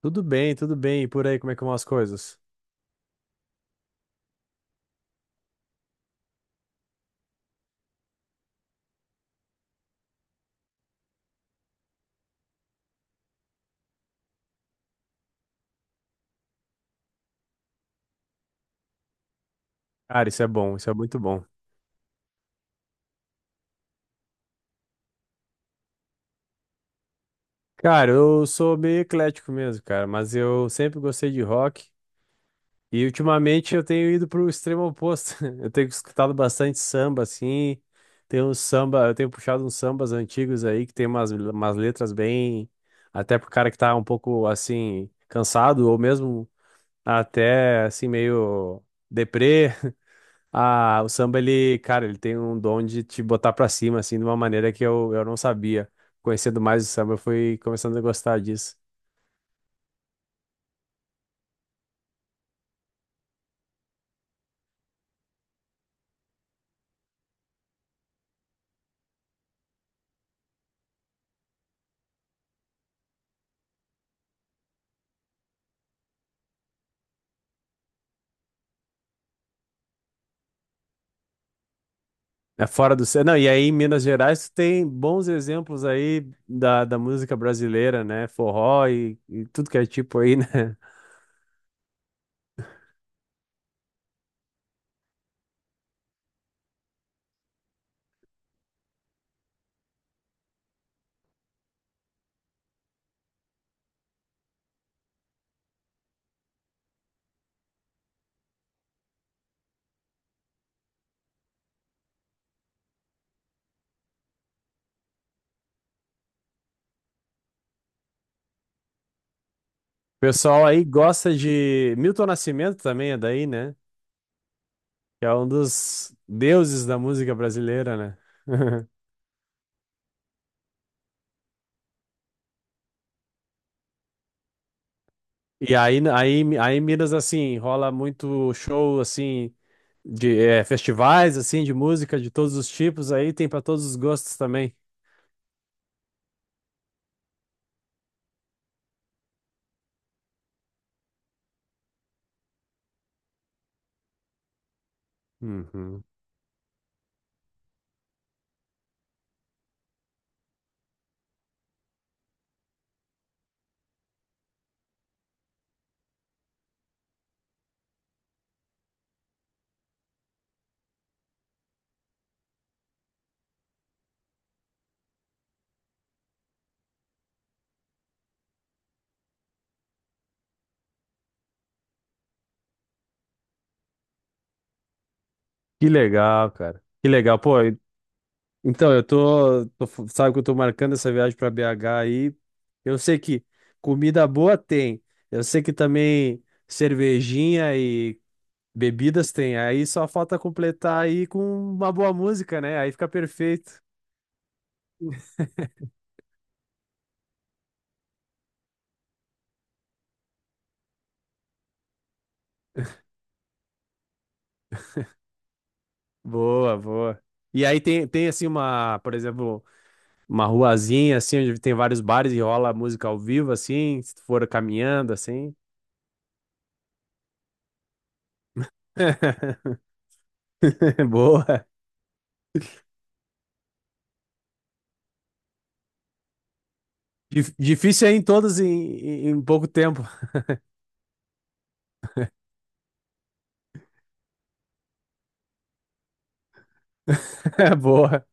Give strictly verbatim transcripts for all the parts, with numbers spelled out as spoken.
Tudo bem, tudo bem. E por aí, como é que vão as coisas? Cara, isso é bom, isso é muito bom. Cara, eu sou meio eclético mesmo, cara, mas eu sempre gostei de rock. E ultimamente eu tenho ido pro extremo oposto. Eu tenho escutado bastante samba, assim. Tem um samba, eu tenho puxado uns sambas antigos aí, que tem umas, umas letras bem. Até pro cara que tá um pouco, assim, cansado, ou mesmo até, assim, meio deprê. Ah, o samba, ele, cara, ele tem um dom de te botar pra cima, assim, de uma maneira que eu, eu não sabia. Conhecendo mais o samba, eu fui começando a gostar disso. É fora do... ce- Não, e aí em Minas Gerais tu tem bons exemplos aí da, da música brasileira, né? Forró e, e tudo que é tipo aí, né? O pessoal aí gosta de... Milton Nascimento também é daí, né? Que é um dos deuses da música brasileira, né? E aí, aí, aí em Minas, assim, rola muito show, assim, de eh, festivais, assim, de música de todos os tipos, aí tem para todos os gostos também. Uhum. Que legal, cara. Que legal. Pô, e- então, eu tô, tô- sabe que eu tô marcando essa viagem para B agá aí. Eu sei que comida boa tem. Eu sei que também cervejinha e bebidas tem, aí só falta completar aí com uma boa música, né? Aí fica perfeito. Boa, boa. E aí tem, tem assim uma, por exemplo, uma ruazinha assim, onde tem vários bares e rola música ao vivo, assim, se tu for caminhando, assim. Boa. Dif- Difícil é em todos em, em- em pouco tempo. Boa.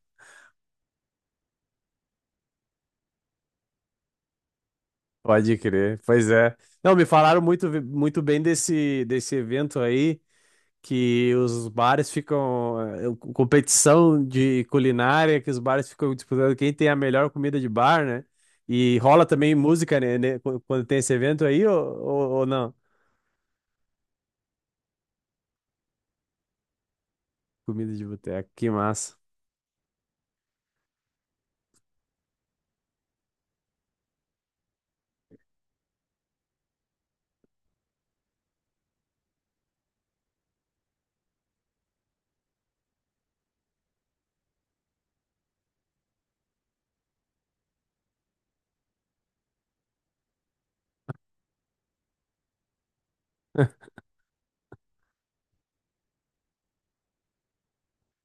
Pode crer. Pois é. Não, me falaram muito, muito bem desse, desse evento aí. Que os bares ficam eh, competição de culinária, que os bares ficam disputando quem tem a melhor comida de bar, né? E rola também música, né, né, qu- quando tem esse evento aí, ou, ou, ou não? Comida de boteco, que massa.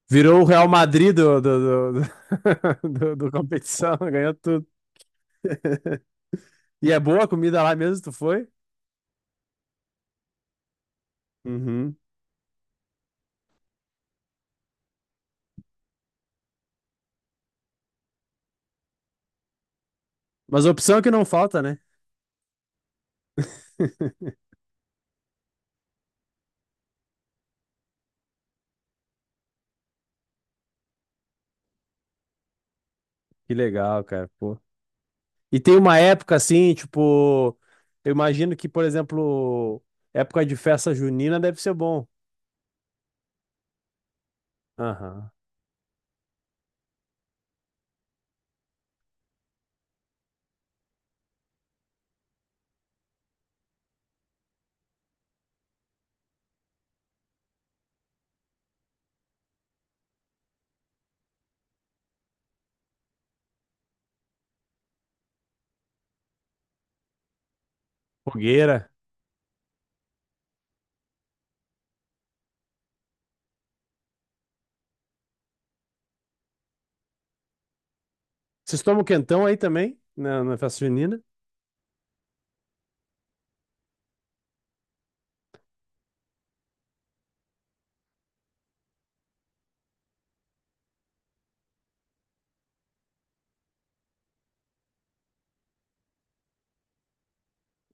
Virou o Real Madrid do, do, do, do, do- do competição, ganhou tudo. E é boa a comida lá mesmo, tu foi? Uhum. Mas a opção é que não falta, né? Que legal, cara. Pô. E tem uma época assim, tipo, eu imagino que, por exemplo, época de festa junina deve ser bom. Aham. Fogueira. Vocês tomam quentão aí também, na, na festa junina?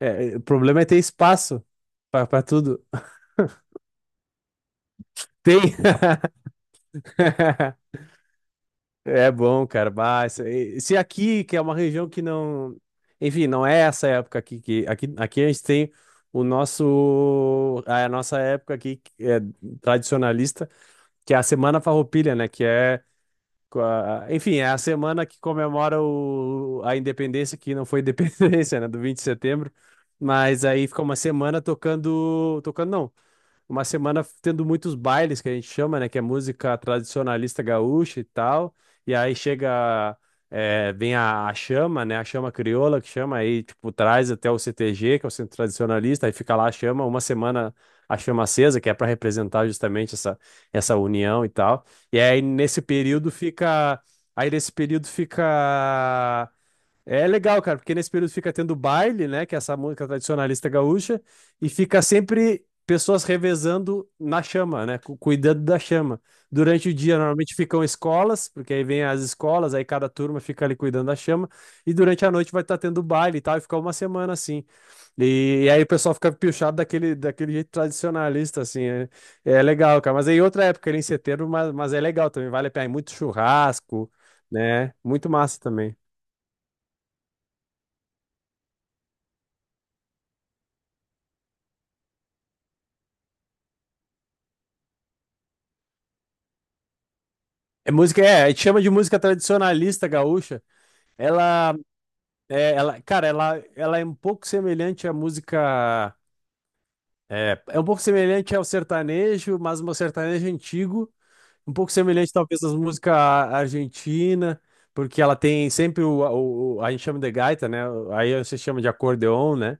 É, é, o problema é ter espaço pra pra tudo. Tem. É bom, cara. Bah, isso aí- se aqui, que é uma região que não. Enfim, não é essa época aqui que aqui, aqui a gente tem o nosso a nossa época aqui que é tradicionalista, que é a Semana Farroupilha, né, que é com a- enfim, é a semana que comemora o... a independência, que não foi independência, né? Do vinte de setembro. Mas aí fica uma semana tocando. Tocando, não uma semana tendo muitos bailes que a gente chama, né? Que é música tradicionalista gaúcha e tal. E aí chega, é, vem a, a chama, né? A chama crioula que chama aí, tipo, traz até o C T G, que é o Centro Tradicionalista, aí fica lá a chama, uma semana a chama acesa, que é para representar justamente essa, essa união e tal. E aí nesse período fica. Aí nesse período fica. É legal, cara, porque nesse período fica tendo baile, né, que é essa música tradicionalista gaúcha, e fica sempre pessoas revezando na chama, né, cu- cuidando da chama. Durante o dia, normalmente ficam escolas, porque aí vem as escolas, aí cada turma fica ali cuidando da chama, e durante a noite vai estar tendo baile e tal, e fica uma semana assim. E, e aí o pessoal fica pilchado daquele, daquele jeito tradicionalista, assim, é, é legal, cara. Mas aí outra época, ali em setembro, mas, mas é legal também, vale a pena, é muito churrasco, né, muito massa também. É música, é, a gente chama de música tradicionalista gaúcha. Ela, é, ela, cara, ela, ela é um pouco semelhante à música, é, é um pouco semelhante ao sertanejo, mas um sertanejo antigo, um pouco semelhante talvez às músicas argentinas, porque ela tem sempre o, o- o- a gente chama de gaita, né? Aí você chama de acordeon, né?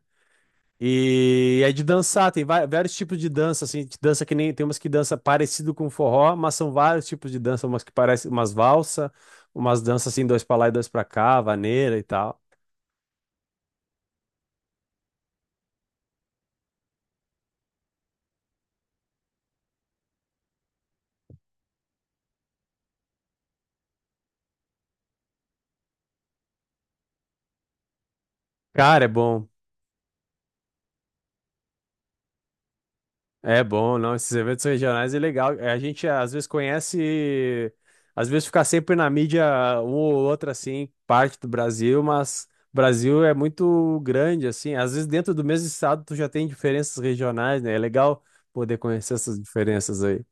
E é de dançar, tem vai- vários tipos de dança, assim, de dança que nem tem umas que dança parecido com forró, mas são vários tipos de dança, umas que parecem umas valsa, umas danças assim, dois pra lá e dois pra cá, vaneira e tal. Cara, é bom, é bom, não, esses eventos regionais é legal. É, a gente às vezes conhece, às vezes fica sempre na mídia um ou outra assim, parte do Brasil, mas o Brasil é muito grande, assim, às vezes dentro do mesmo estado tu já tem diferenças regionais, né? É legal poder conhecer essas diferenças aí.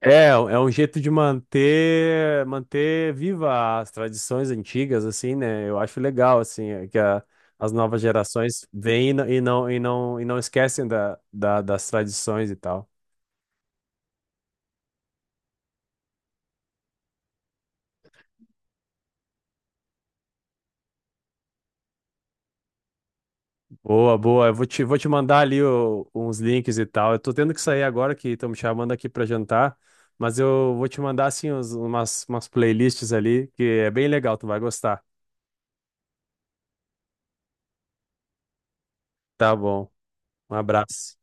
É, é um jeito de manter manter viva as tradições antigas, assim, né? Eu acho legal, assim, é que a- as novas gerações vêm e não e não e não e não esquecem da, da- das tradições e tal. Boa, boa. Eu vou te, vou te mandar ali o- uns links e tal. Eu tô tendo que sair agora que estão me chamando aqui pra jantar, mas eu vou te mandar, assim, uns- umas, umas playlists ali que é bem legal, tu vai gostar. Tá bom. Um abraço.